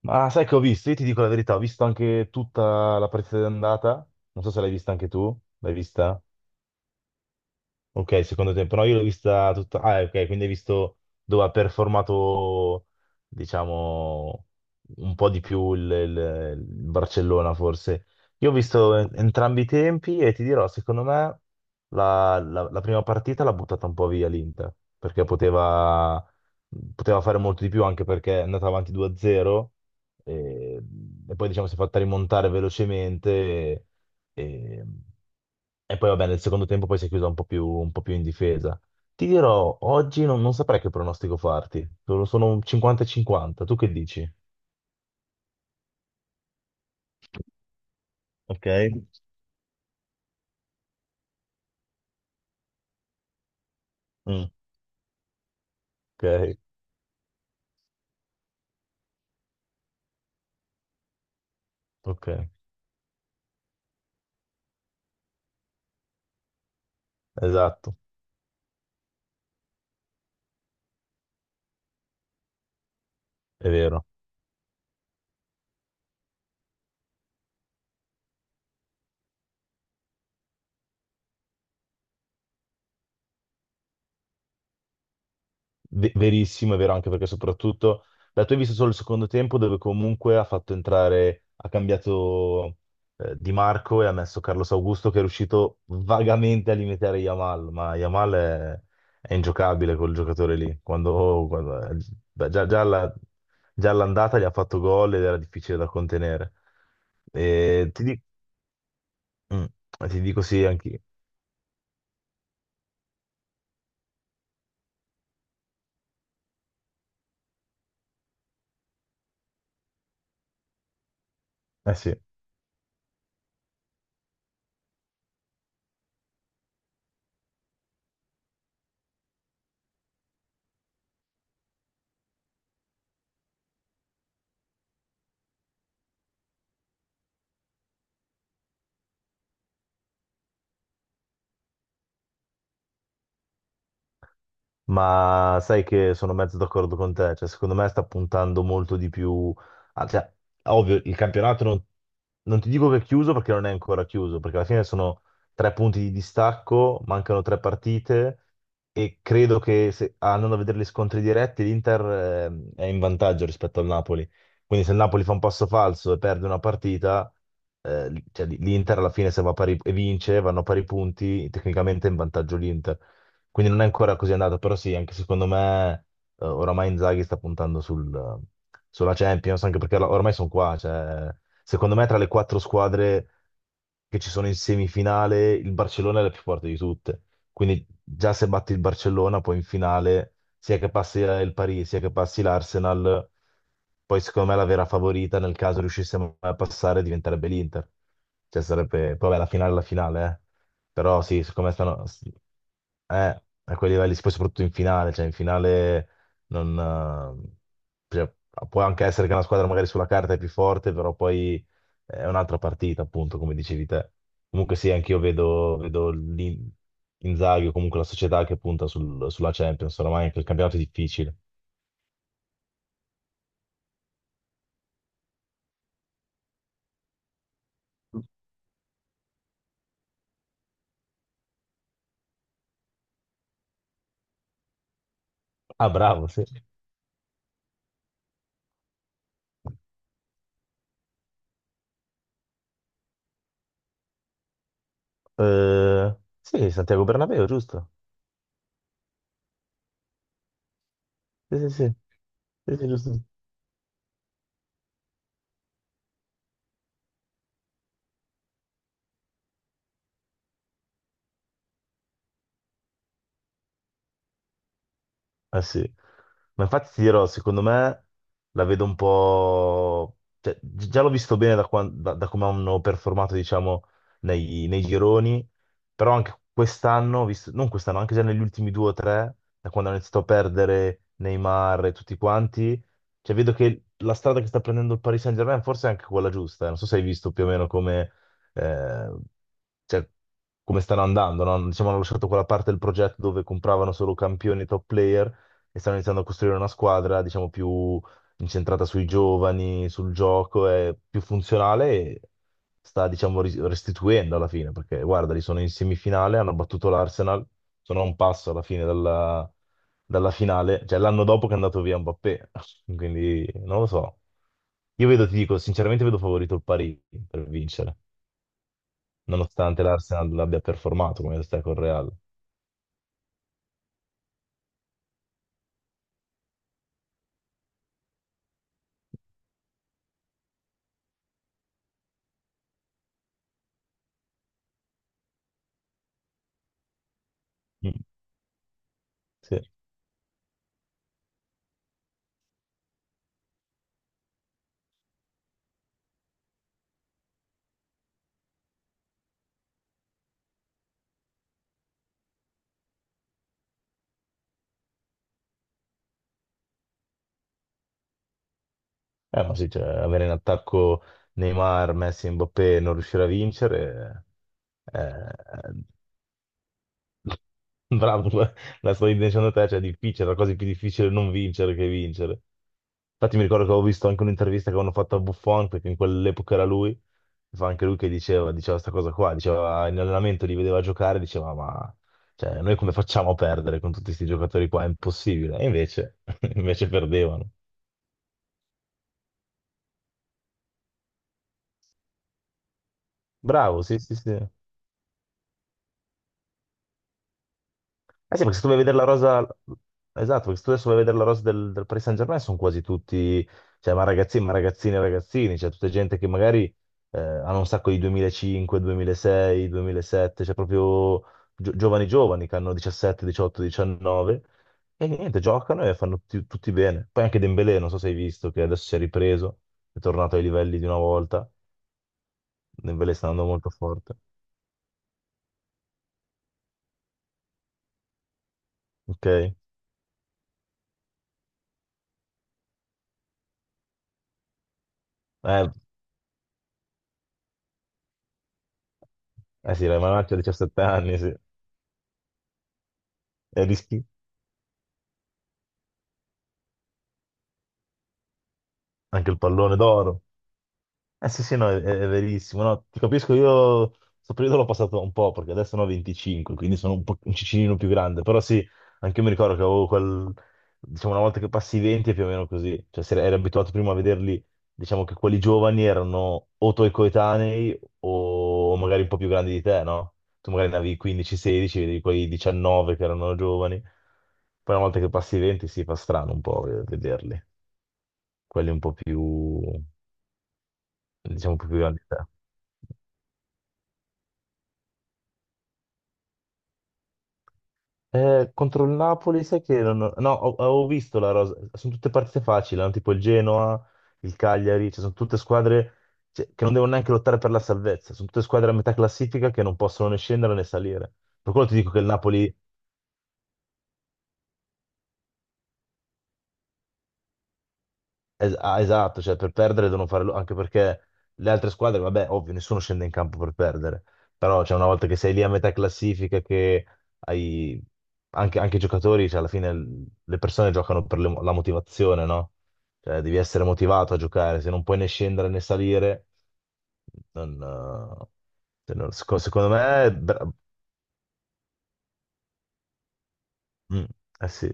Ma sai che ho visto? Io ti dico la verità, ho visto anche tutta la partita d'andata. Non so se l'hai vista anche tu. L'hai vista? Ok, secondo tempo. No, io l'ho vista tutta. Ah, ok, quindi hai visto dove ha performato, diciamo, un po' di più il Barcellona, forse. Io ho visto entrambi i tempi e ti dirò, secondo me, la prima partita l'ha buttata un po' via l'Inter, perché poteva fare molto di più, anche perché è andata avanti 2-0 e, e poi, diciamo, si è fatta rimontare velocemente e, e poi, vabbè, nel secondo tempo poi si è chiusa un po' più in difesa. Ti dirò, oggi non saprei che pronostico farti. Sono un 50-50. Tu che dici? Ok? Mm. Ok, ok, esatto, è vero. Verissimo, è vero anche perché soprattutto da tu hai visto solo il secondo tempo dove comunque ha fatto entrare, ha cambiato Di Marco e ha messo Carlos Augusto che è riuscito vagamente a limitare Yamal, ma Yamal è ingiocabile quel giocatore lì. Beh, già all'andata gli ha fatto gol ed era difficile da contenere. E ti, di- mm, Ti dico sì, anche. Eh sì. Ma sai che sono mezzo d'accordo con te, cioè secondo me sta puntando molto di più, cioè, ovvio il campionato non ti dico che è chiuso perché non è ancora chiuso, perché alla fine sono tre punti di distacco, mancano tre partite e credo che se, andando a vedere gli scontri diretti l'Inter è in vantaggio rispetto al Napoli, quindi se il Napoli fa un passo falso e perde una partita, cioè, l'Inter alla fine se va a pari, e vince, vanno a pari punti, tecnicamente è in vantaggio l'Inter. Quindi non è ancora così andato, però sì, anche secondo me oramai Inzaghi sta puntando sulla Champions, anche perché ormai sono qua, cioè, secondo me tra le quattro squadre che ci sono in semifinale il Barcellona è la più forte di tutte, quindi già se batti il Barcellona poi in finale, sia che passi il Paris, sia che passi l'Arsenal, poi secondo me la vera favorita nel caso riuscissimo a passare diventerebbe l'Inter, cioè sarebbe, poi vabbè la finale è la finale, eh. Però sì, siccome stanno. Eh, a quei livelli, poi soprattutto in finale, cioè in finale non. eh, cioè, può anche essere che una squadra magari sulla carta è più forte, però poi è un'altra partita, appunto, come dicevi te. Comunque sì, anch'io vedo Inzaghi o comunque la società che punta sulla Champions, oramai anche il campionato è difficile. Ah, bravo, sì. Sì, Santiago Bernabéu, giusto? Sì, sì, sì, sì, sì, giusto. Eh sì, ma infatti ti dirò, secondo me la vedo un po', cioè, già l'ho visto bene da come hanno performato, diciamo, nei gironi, però anche quest'anno, ho visto, non quest'anno, anche già negli ultimi due o tre, da quando hanno iniziato a perdere Neymar e tutti quanti, cioè vedo che la strada che sta prendendo il Paris Saint-Germain forse è anche quella giusta, eh. Non so se hai visto più o meno come, eh, cioè, come stanno andando, no? Diciamo, hanno lasciato quella parte del progetto dove compravano solo campioni top player e stanno iniziando a costruire una squadra, diciamo, più incentrata sui giovani, sul gioco, è più funzionale e sta, diciamo, restituendo alla fine, perché guarda, li sono in semifinale, hanno battuto l'Arsenal, sono a un passo alla fine dalla finale, cioè l'anno dopo che è andato via Mbappé, quindi non lo so. Io vedo, ti dico, sinceramente vedo favorito il Parigi per vincere, nonostante l'Arsenal abbia performato come sta col Real. Mm, sì. Ma sì, cioè, avere in attacco Neymar, Messi e Mbappé e non riuscire a vincere, eh, eh, bravo, la sto dicendo a te, cioè è difficile, la cosa più difficile è non vincere che vincere. Infatti mi ricordo che avevo visto anche un'intervista che avevano fatto a Buffon, perché in quell'epoca era lui, fa anche lui che diceva, diceva questa cosa qua, diceva in allenamento li vedeva giocare, diceva ma cioè, noi come facciamo a perdere con tutti questi giocatori qua? È impossibile. E invece, invece perdevano. Bravo, sì, sì, sì. Eh sì, perché se tu vai a vedere la rosa, esatto, perché se tu adesso vai a vedere la rosa del Paris Saint-Germain sono quasi tutti, cioè, ma ragazzini, e ragazzini, cioè, tutta gente che magari hanno un sacco di 2005, 2006, 2007, cioè proprio giovani giovani che hanno 17, 18, 19 e niente, giocano e fanno tutti, tutti bene. Poi anche Dembélé, non so se hai visto, che adesso si è ripreso, è tornato ai livelli di una volta, Dembélé sta andando molto forte, ok? Eh sì, l'hai mandato a 17 anni, sì. È, ris- Anche il pallone d'oro. Eh sì, sì, no, è verissimo. No, ti capisco, io questo periodo l'ho passato un po', perché adesso ne ho 25, quindi sono un po' un cicinino più grande. Però sì, anche io mi ricordo che avevo quel. Diciamo, una volta che passi i 20 è più o meno così. Cioè, se eri abituato prima a vederli, diciamo che quelli giovani erano o tuoi coetanei o magari un po' più grandi di te, no? Tu magari ne avevi 15-16, vedevi quei 19 che erano giovani. Poi una volta che passi i 20, sì, fa strano un po' vederli. Quelli un po' più diciamo più grande. Contro il Napoli, sai che non ho- no, ho- avevo visto la rosa, sono tutte partite facili, hanno tipo il Genoa, il Cagliari, cioè sono tutte squadre cioè, che non devono neanche lottare per la salvezza, sono tutte squadre a metà classifica che non possono né scendere né salire. Per quello ti dico che il Napoli. Esatto, cioè per perdere devono anche perché le altre squadre, vabbè, ovvio, nessuno scende in campo per perdere, però cioè, una volta che sei lì a metà classifica, che hai anche i giocatori, cioè, alla fine le persone giocano per la motivazione, no? Cioè, devi essere motivato a giocare, se non puoi né scendere né salire, non, se non- seco- secondo me, mm, eh sì,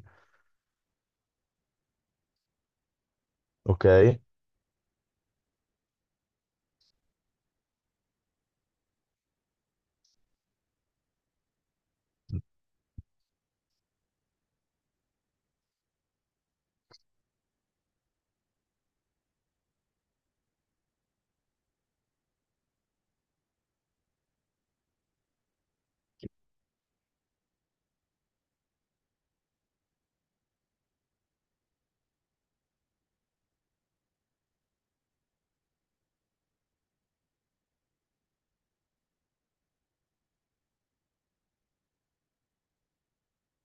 ok.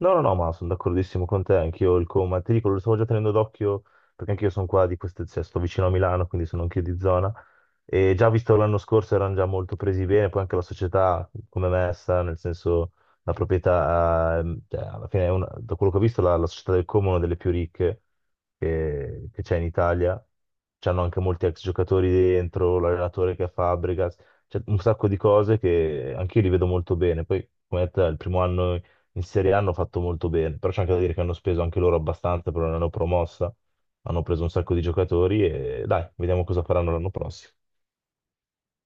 No, no, no, ma sono d'accordissimo con te, anch'io il coma, ti dico, lo stavo già tenendo d'occhio perché anch'io sono qua di queste, cioè, sto vicino a Milano, quindi sono anch'io di zona e già visto l'anno scorso erano già molto presi bene, poi anche la società come è messa, nel senso la proprietà, cioè, alla fine da quello che ho visto la società del Como è una delle più ricche che c'è in Italia, c'hanno anche molti ex giocatori dentro, l'allenatore che è Fabregas, c'è un sacco di cose che anch'io li vedo molto bene, poi come detto, è il primo anno in Serie A hanno fatto molto bene, però c'è anche da dire che hanno speso anche loro abbastanza, però non l'hanno promossa, hanno preso un sacco di giocatori e dai, vediamo cosa faranno l'anno prossimo.